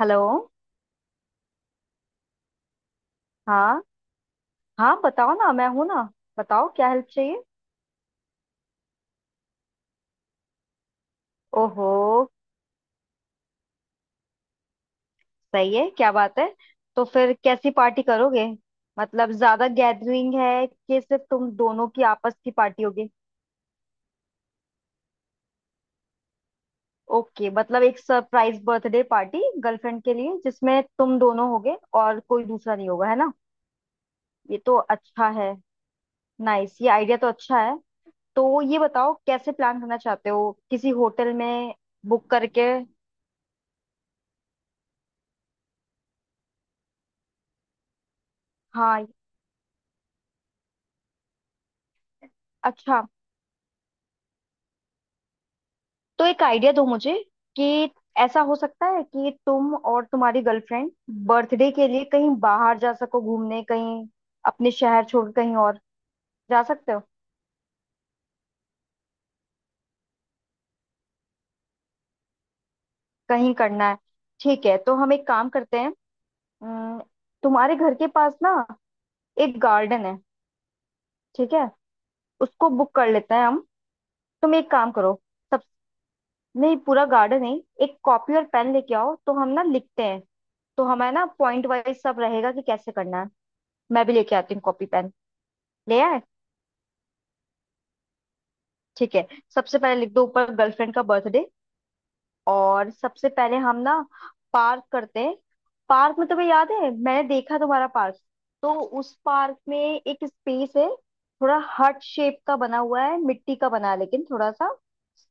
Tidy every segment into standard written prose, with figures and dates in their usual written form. Hello. हाँ। हाँ, बताओ ना, मैं हूं ना। बताओ क्या हेल्प चाहिए। ओहो, सही है, क्या बात है। तो फिर कैसी पार्टी करोगे? मतलब ज्यादा गैदरिंग है कि सिर्फ तुम दोनों की आपस की पार्टी होगी? ओके, मतलब एक सरप्राइज बर्थडे पार्टी गर्लफ्रेंड के लिए जिसमें तुम दोनों होगे और कोई दूसरा नहीं होगा, है ना। ये तो अच्छा है। नाइस, ये आइडिया तो अच्छा है। तो ये बताओ, कैसे प्लान करना चाहते हो, किसी होटल में? बुक करके? हाँ। अच्छा, तो एक आइडिया दो मुझे कि ऐसा हो सकता है कि तुम और तुम्हारी गर्लफ्रेंड बर्थडे के लिए कहीं बाहर जा सको, घूमने कहीं। अपने शहर छोड़ कहीं और जा सकते हो। कहीं करना है? ठीक है, तो हम एक काम करते हैं। अम, तुम्हारे घर के पास ना एक गार्डन है, ठीक है? उसको बुक कर लेते हैं हम। तुम एक काम करो। सब। नहीं, पूरा गार्डन नहीं, एक कॉपी और पेन लेके आओ तो हम ना लिखते हैं। तो हमें ना पॉइंट वाइज सब रहेगा कि कैसे करना है। मैं भी लेके आती हूँ कॉपी पेन। ले आए? ठीक है। सबसे पहले लिख दो ऊपर, गर्लफ्रेंड का बर्थडे। और सबसे पहले हम ना पार्क करते हैं। पार्क में, तुम्हें याद है मैंने देखा तुम्हारा पार्क? तो उस पार्क में एक स्पेस है, थोड़ा हर्ट शेप का बना हुआ है, मिट्टी का बना है लेकिन थोड़ा सा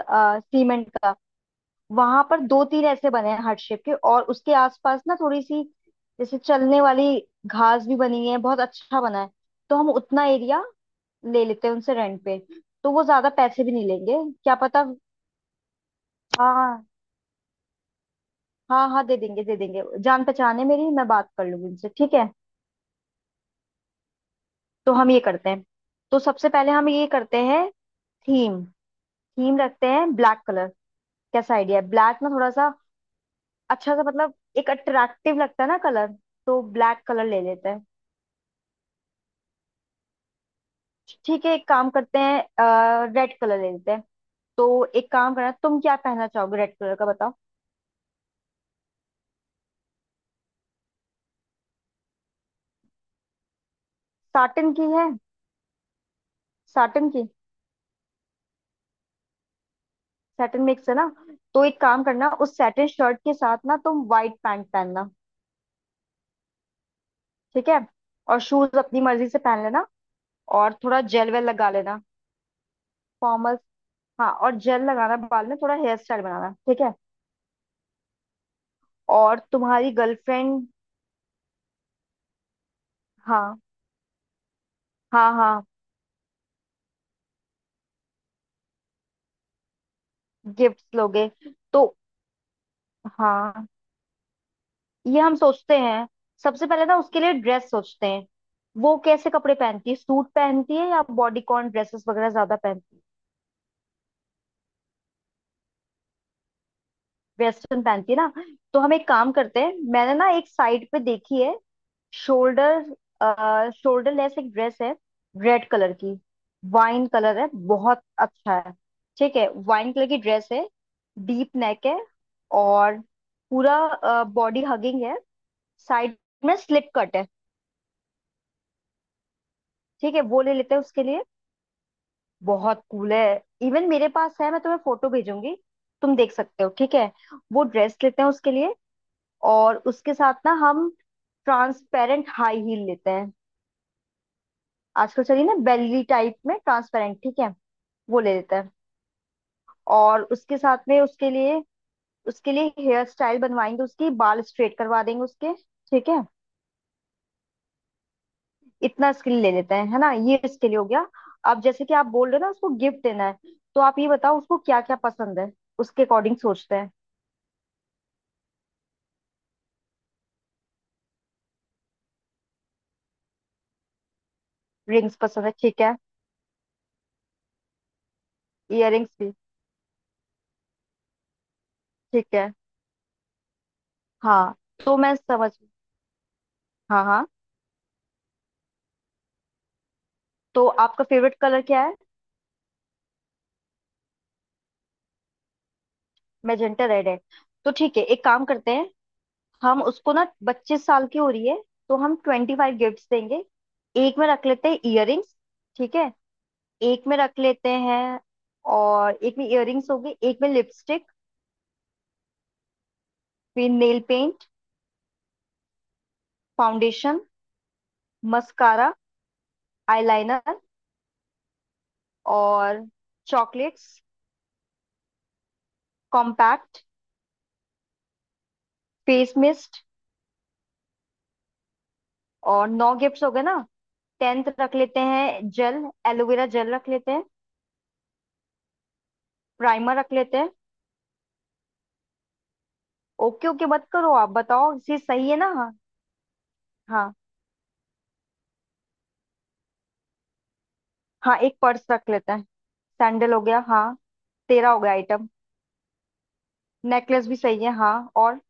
सीमेंट का। वहां पर दो तीन ऐसे बने हैं हर्ट शेप के, और उसके आसपास ना थोड़ी सी, जैसे चलने वाली, घास भी बनी है, बहुत अच्छा बना है। तो हम उतना एरिया ले लेते हैं उनसे रेंट पे, तो वो ज्यादा पैसे भी नहीं लेंगे। क्या पता। हाँ हाँ हाँ, दे देंगे दे देंगे, जान पहचान है मेरी, मैं बात कर लूंगी उनसे, ठीक है। तो हम ये करते हैं। तो सबसे पहले हम ये करते हैं। थीम, थीम रखते हैं ब्लैक कलर। कैसा आइडिया है? ब्लैक ना थोड़ा सा अच्छा सा मतलब एक अट्रैक्टिव लगता है ना कलर। तो ब्लैक कलर ले लेते हैं। ठीक है, एक काम करते हैं। रेड कलर ले लेते हैं। तो एक काम करना, तुम क्या पहनना चाहोगे रेड कलर का, बताओ। साटन की है? साटन की। साटन मिक्स है ना। तो एक काम करना उस साटन शर्ट के साथ ना, तुम व्हाइट पैंट पहनना। ठीक है। और शूज अपनी मर्जी से पहन लेना। और थोड़ा जेल वेल लगा लेना। फॉर्मल। हाँ, और जेल लगाना बाल में, थोड़ा हेयर स्टाइल बनाना, ठीक है। और तुम्हारी गर्लफ्रेंड। हाँ हाँ हाँ। गिफ्ट्स लोगे? तो हाँ, ये हम सोचते हैं। सबसे पहले ना उसके लिए ड्रेस सोचते हैं। वो कैसे कपड़े पहनती है, सूट पहनती है या बॉडीकॉन ड्रेसेस वगैरह ज्यादा पहनती है? वेस्टर्न पहनती है ना। तो हम एक काम करते हैं, मैंने ना एक साइट पे देखी है। शोल्डर शोल्डर लेस एक ड्रेस है, रेड कलर की। वाइन कलर है, बहुत अच्छा है। ठीक है, वाइन कलर की ड्रेस है। डीप नेक है, और पूरा बॉडी हगिंग है। साइड में स्लिप कट है। ठीक है, वो ले लेते हैं उसके लिए। बहुत कूल है, इवन मेरे पास है, मैं तुम्हें फोटो भेजूंगी, तुम देख सकते हो, ठीक है। वो ड्रेस लेते हैं उसके लिए। और उसके साथ ना हम ट्रांसपेरेंट हाई हील लेते हैं। आजकल चलिए ना बेली टाइप में ट्रांसपेरेंट, ठीक है। वो ले लेते हैं। और उसके साथ में उसके लिए, उसके लिए हेयर स्टाइल बनवाएंगे, उसकी बाल स्ट्रेट करवा देंगे उसके। ठीक है, इतना इसके लिए ले लेते हैं, है ना, ये इसके लिए हो गया। अब जैसे कि आप बोल रहे हो ना उसको गिफ्ट देना है, तो आप ये बताओ उसको क्या क्या पसंद है, उसके अकॉर्डिंग सोचते हैं। रिंग्स पसंद है, ठीक है। इयररिंग्स भी, ठीक है। हाँ तो मैं समझ। हाँ हाँ। तो आपका फेवरेट कलर क्या है? मैजेंटा रेड है। तो ठीक है, एक काम करते हैं। हम उसको ना 25 साल की हो रही है, तो हम 25 गिफ्ट देंगे। एक में रख लेते हैं इयररिंग्स। ठीक है। एक में रख लेते हैं, और एक में इयररिंग्स हो गई, एक में लिपस्टिक, फिर nail paint, foundation, mascara, eyeliner, और चॉकलेट्स, कॉम्पैक्ट, फेस मिस्ट, और नौ गिफ्ट्स हो गए ना। टेंथ रख लेते हैं जेल, एलोवेरा जेल रख लेते हैं। प्राइमर रख लेते हैं। ओके ओके मत करो, आप बताओ ये सही है ना। हाँ। हाँ हाँ, एक पर्स रख लेते हैं, सैंडल हो गया, हाँ। तेरा हो गया आइटम। नेकलेस भी सही है, हाँ। और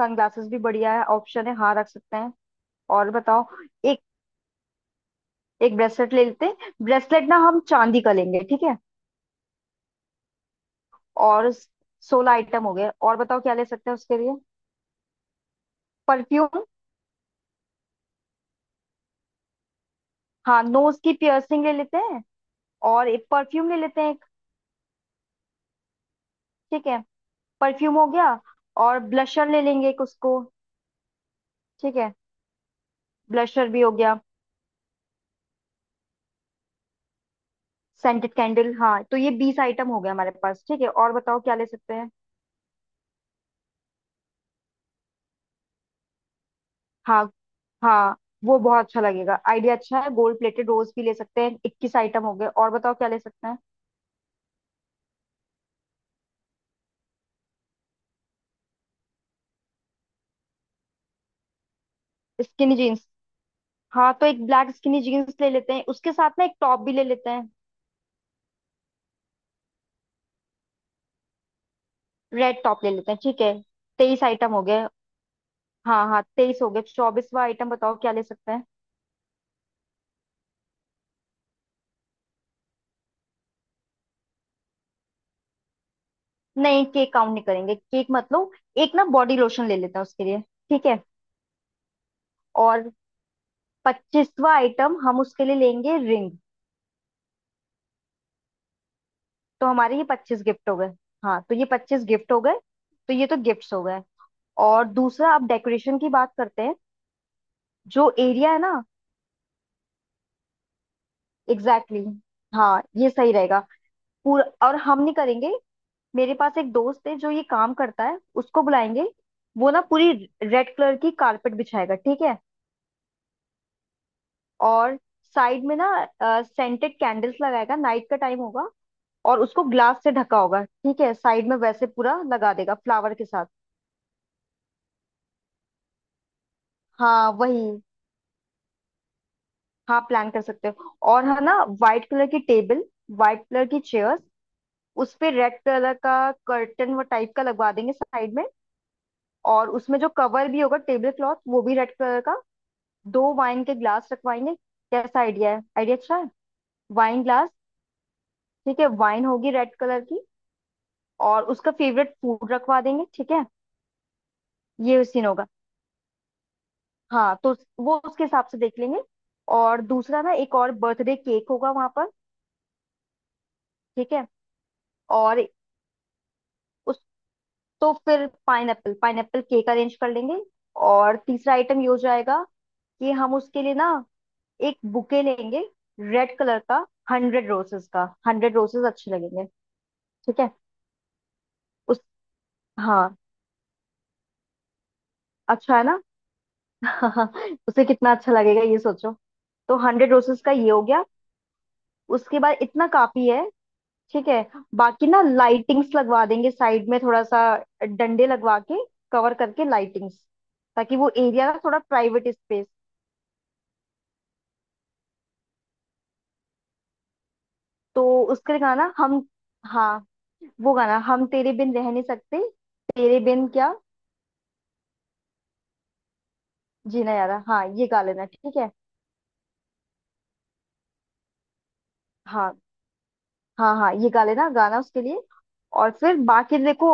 सनग्लासेस भी बढ़िया है, ऑप्शन है, हाँ रख सकते हैं। और बताओ। एक, एक ब्रेसलेट ले लेते हैं। ब्रेसलेट ना हम चांदी का लेंगे, ठीक है। और 16 आइटम हो गए, और बताओ क्या ले सकते हैं उसके लिए। परफ्यूम। हाँ, नोज की पियर्सिंग ले लेते हैं। और एक परफ्यूम ले लेते हैं एक, ठीक है, परफ्यूम हो गया। और ब्लशर ले लेंगे एक उसको, ठीक है। ब्लशर भी हो गया। सेंटेड कैंडल, हाँ, तो ये 20 आइटम हो गया हमारे पास, ठीक है, और बताओ क्या ले सकते हैं। हाँ हाँ, वो बहुत अच्छा लगेगा आइडिया, अच्छा है। गोल्ड प्लेटेड रोज भी ले सकते हैं, 21 आइटम हो गए, और बताओ क्या ले सकते हैं। स्किनी जीन्स, हाँ, तो एक ब्लैक स्किनी जीन्स ले लेते हैं, उसके साथ ना एक टॉप भी ले लेते हैं। रेड टॉप ले लेते हैं, ठीक है। 23 आइटम हो गए। हाँ हाँ, 23 हो गए, 24वां आइटम बताओ क्या ले सकते हैं। नहीं, केक काउंट नहीं करेंगे, केक मतलब। एक ना बॉडी लोशन ले लेते हैं उसके लिए, ठीक है। और 25वां आइटम हम उसके लिए लेंगे रिंग। तो हमारे ये 25 गिफ्ट हो गए। हाँ, तो ये 25 गिफ्ट हो गए। तो ये तो गिफ्ट्स हो गए, और दूसरा अब डेकोरेशन की बात करते हैं। जो एरिया है ना, एग्जैक्टली, हाँ ये सही रहेगा। पूरा और हम नहीं करेंगे, मेरे पास एक दोस्त है जो ये काम करता है, उसको बुलाएंगे। वो ना पूरी रेड कलर की कारपेट बिछाएगा, ठीक है। और साइड में ना सेंटेड कैंडल्स लगाएगा, नाइट का टाइम होगा, और उसको ग्लास से ढका होगा, ठीक है, साइड में वैसे पूरा लगा देगा फ्लावर के साथ। हाँ वही। हाँ, प्लान कर सकते हो, और है ना, व्हाइट कलर की टेबल, व्हाइट कलर की चेयर्स, उस पे रेड कलर का कर्टन वो टाइप का लगवा देंगे साइड में। और उसमें जो कवर भी होगा टेबल क्लॉथ वो भी रेड कलर का। दो वाइन के ग्लास रखवाएंगे। कैसा आइडिया है? आइडिया अच्छा है। Wine glass. ठीक है, वाइन होगी रेड कलर की। और उसका फेवरेट फूड रखवा देंगे, ठीक है। ये सीन होगा। हाँ, तो वो उसके हिसाब से देख लेंगे। और दूसरा ना एक और बर्थडे केक होगा वहां पर, ठीक है। और तो फिर पाइनएप्पल, पाइनएप्पल केक अरेंज कर लेंगे। और तीसरा आइटम ये हो जाएगा कि हम उसके लिए ना एक बुके लेंगे, रेड कलर का, 100 रोसेस का। 100 रोसेस अच्छे लगेंगे, ठीक है। उस। हाँ अच्छा है ना। उसे कितना अच्छा लगेगा ये सोचो। तो 100 रोसेस का ये हो गया। उसके बाद इतना काफी है, ठीक है। बाकी ना लाइटिंग्स लगवा देंगे साइड में थोड़ा सा, डंडे लगवा के कवर करके लाइटिंग्स, ताकि वो एरिया ना थोड़ा प्राइवेट स्पेस। तो उसका गाना हम, हाँ, वो गाना हम, तेरे बिन रह नहीं सकते, तेरे बिन क्या, जीना यारा, हाँ ये गा लेना, ठीक है। हाँ हाँ हाँ, ये गा लेना गाना उसके लिए। और फिर बाकी देखो,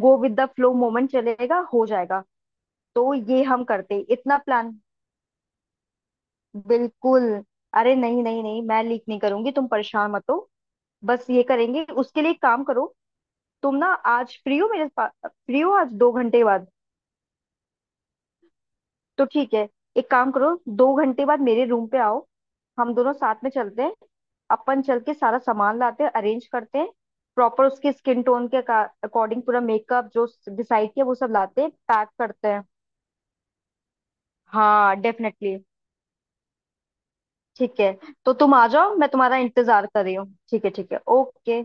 go with the flow moment चलेगा, हो जाएगा। तो ये हम करते इतना प्लान। बिल्कुल। अरे नहीं नहीं नहीं, मैं लीक नहीं करूंगी, तुम परेशान मत हो। बस ये करेंगे उसके लिए। एक काम करो, तुम ना आज फ्री हो? मेरे पास फ्री हो आज 2 घंटे बाद? तो ठीक है, एक काम करो, 2 घंटे बाद मेरे रूम पे आओ, हम दोनों साथ में चलते हैं, अपन चल के सारा सामान लाते हैं, अरेंज करते हैं, प्रॉपर उसके स्किन टोन के अकॉर्डिंग पूरा मेकअप जो डिसाइड किया वो सब लाते हैं, पैक करते हैं। हाँ डेफिनेटली, ठीक है। तो तुम आ जाओ, मैं तुम्हारा इंतजार कर रही हूँ, ठीक है, ठीक है, ओके।